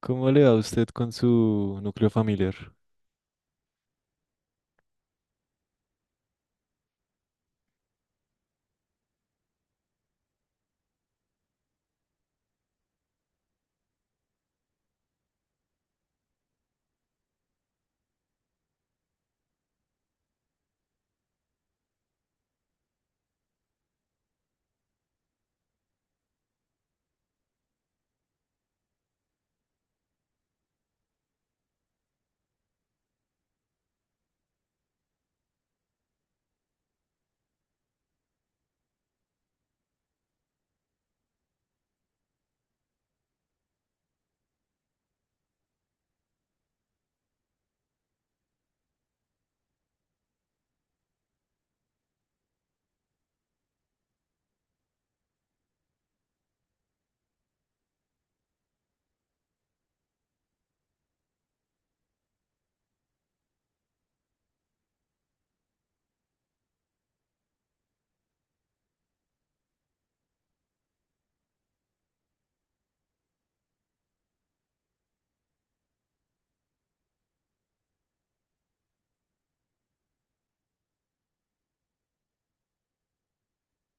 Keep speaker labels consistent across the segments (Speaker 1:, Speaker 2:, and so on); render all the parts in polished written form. Speaker 1: ¿Cómo le va a usted con su núcleo familiar?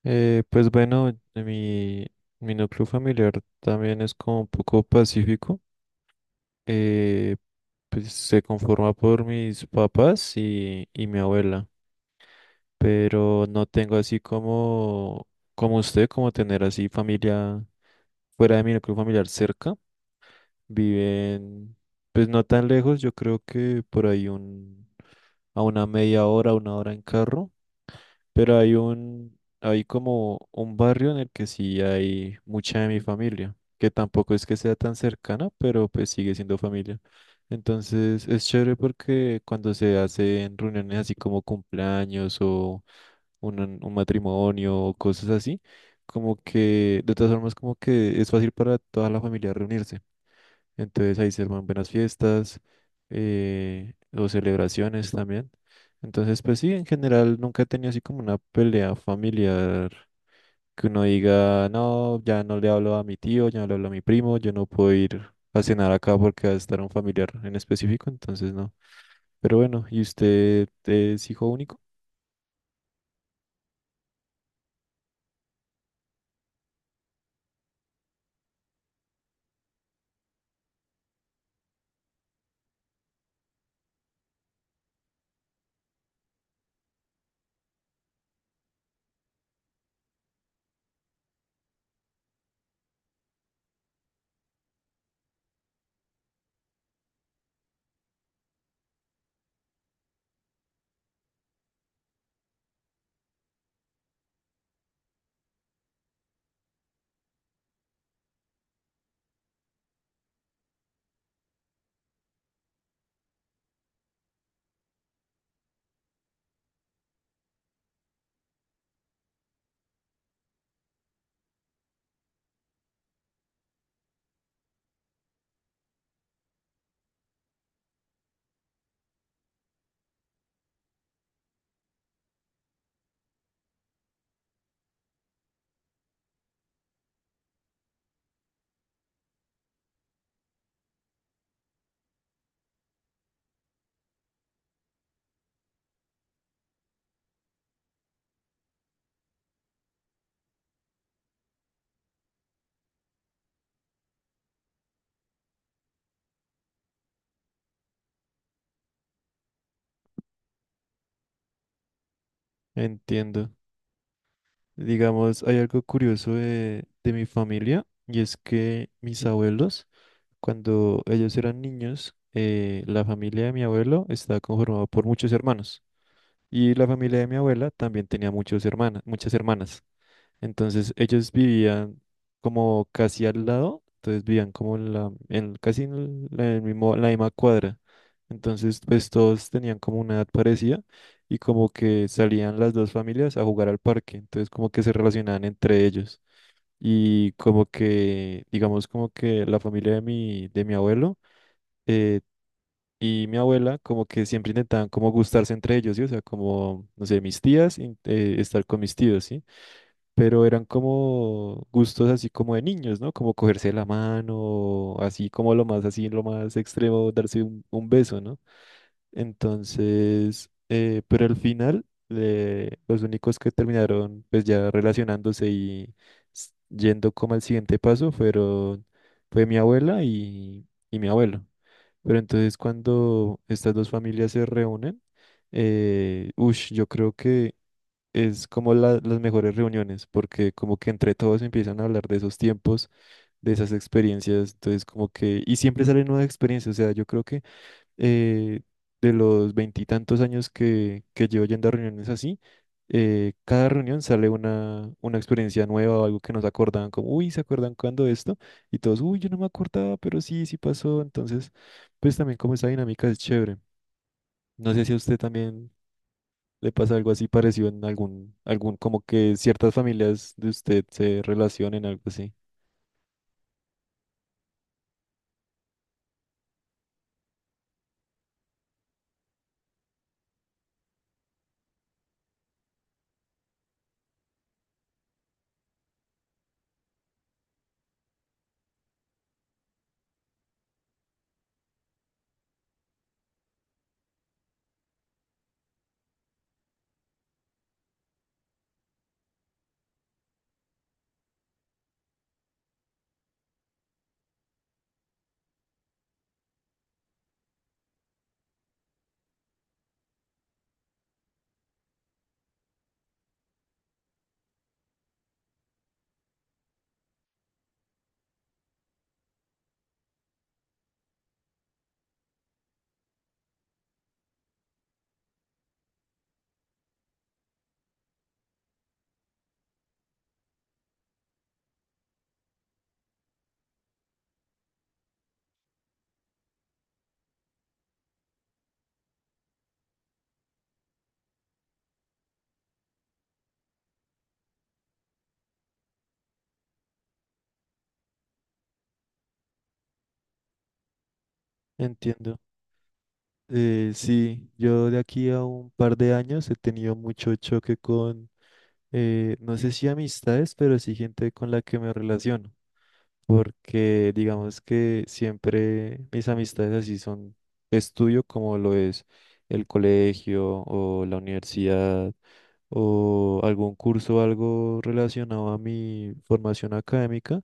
Speaker 1: Pues bueno, mi núcleo familiar también es como un poco pacífico. eh, pues se conforma por mis papás y mi abuela, pero no tengo así como, como usted, como tener así familia fuera de mi núcleo familiar cerca. Viven, pues no tan lejos, yo creo que a una media hora, una hora en carro. Pero hay como un barrio en el que sí hay mucha de mi familia, que tampoco es que sea tan cercana, pero pues sigue siendo familia. Entonces es chévere porque cuando se hacen reuniones así como cumpleaños o un matrimonio o cosas así, como que de todas formas como que es fácil para toda la familia reunirse. Entonces ahí se arman buenas fiestas o celebraciones también. Entonces, pues sí, en general nunca he tenido así como una pelea familiar que uno diga, no, ya no le hablo a mi tío, ya no le hablo a mi primo, yo no puedo ir a cenar acá porque va a estar un familiar en específico, entonces no. Pero bueno, ¿y usted es hijo único? Entiendo. Digamos, hay algo curioso de mi familia y es que mis abuelos cuando ellos eran niños, la familia de mi abuelo estaba conformada por muchos hermanos y la familia de mi abuela también tenía muchos hermanas, muchas hermanas. Entonces ellos vivían como casi al lado, entonces vivían como en la, en, casi en el mismo, la misma cuadra. Entonces pues todos tenían como una edad parecida y como que salían las dos familias a jugar al parque, entonces como que se relacionaban entre ellos. Y como que, digamos como que la familia de mi abuelo eh, y mi abuela como que siempre intentaban como gustarse entre ellos, ¿sí? O sea, como, no sé, mis tías, estar con mis tíos, ¿sí? Pero eran como gustos así como de niños, ¿no? Como cogerse la mano, así como lo más, así lo más extremo, darse un beso, ¿no? Entonces, pero al final, los únicos que terminaron pues ya relacionándose y yendo como al siguiente paso fueron, fue mi abuela y mi abuelo. Pero entonces cuando estas dos familias se reúnen, ush, yo creo que es como las mejores reuniones, porque como que entre todos empiezan a hablar de esos tiempos, de esas experiencias, entonces como que, y siempre salen nuevas experiencias, o sea, yo creo que eh, de los 20 y tantos años que llevo yendo a reuniones así, cada reunión sale una experiencia nueva o algo que nos acordaban, como, uy, ¿se acuerdan cuando esto? Y todos, uy, yo no me acordaba, pero sí, sí pasó. Entonces, pues también como esa dinámica es chévere. No sé si a usted también le pasa algo así parecido en algún, algún, como que ciertas familias de usted se relacionen, algo así. Entiendo. Sí, yo de aquí a un par de años he tenido mucho choque con no sé si amistades, pero sí gente con la que me relaciono, porque digamos que siempre mis amistades así son estudio como lo es el colegio o la universidad o algún curso o algo relacionado a mi formación académica,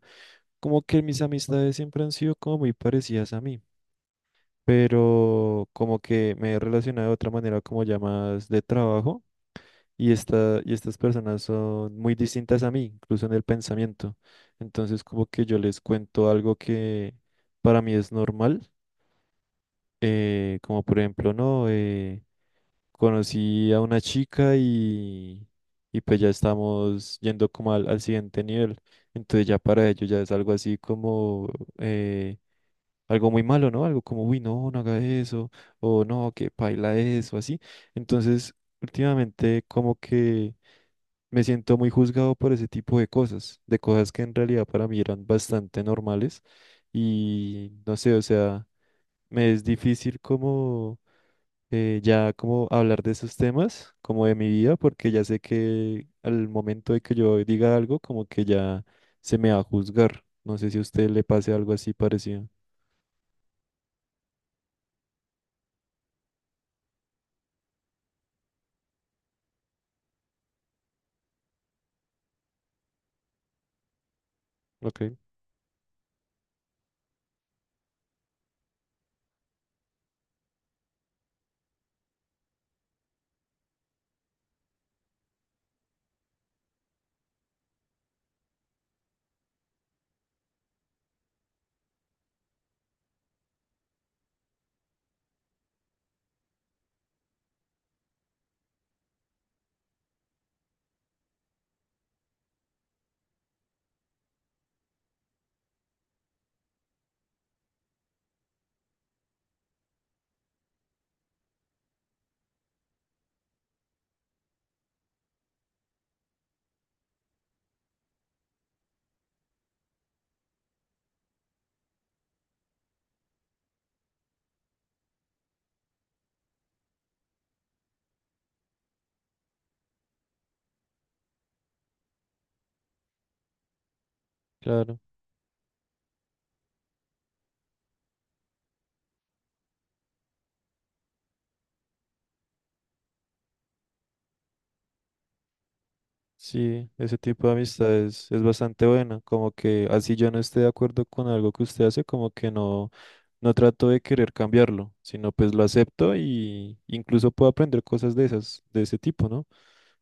Speaker 1: como que mis amistades siempre han sido como muy parecidas a mí, pero como que me he relacionado de otra manera como ya más de trabajo. Y estas personas son muy distintas a mí, incluso en el pensamiento. Entonces, como que yo les cuento algo que para mí es normal, como por ejemplo, no, conocí a una chica y pues ya estamos yendo como al, al siguiente nivel. Entonces ya para ellos ya es algo así como eh, algo muy malo, ¿no? Algo como, uy, no, no haga eso, o no, que paila eso, así. Entonces, últimamente como que me siento muy juzgado por ese tipo de cosas que en realidad para mí eran bastante normales y no sé, o sea, me es difícil como ya como hablar de esos temas, como de mi vida, porque ya sé que al momento de que yo diga algo, como que ya se me va a juzgar. No sé si a usted le pase algo así parecido. Ok, claro. Sí, ese tipo de amistades es bastante buena, como que así yo no esté de acuerdo con algo que usted hace, como que no. No trato de querer cambiarlo, sino pues lo acepto y incluso puedo aprender cosas de esas, de ese tipo, ¿no?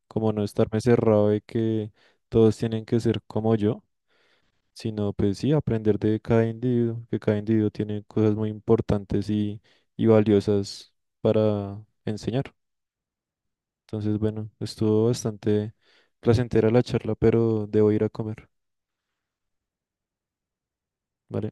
Speaker 1: Como no estarme cerrado de que todos tienen que ser como yo, sino pues sí, aprender de cada individuo, que cada individuo tiene cosas muy importantes y valiosas para enseñar. Entonces, bueno, estuvo bastante placentera la charla, pero debo ir a comer, ¿vale?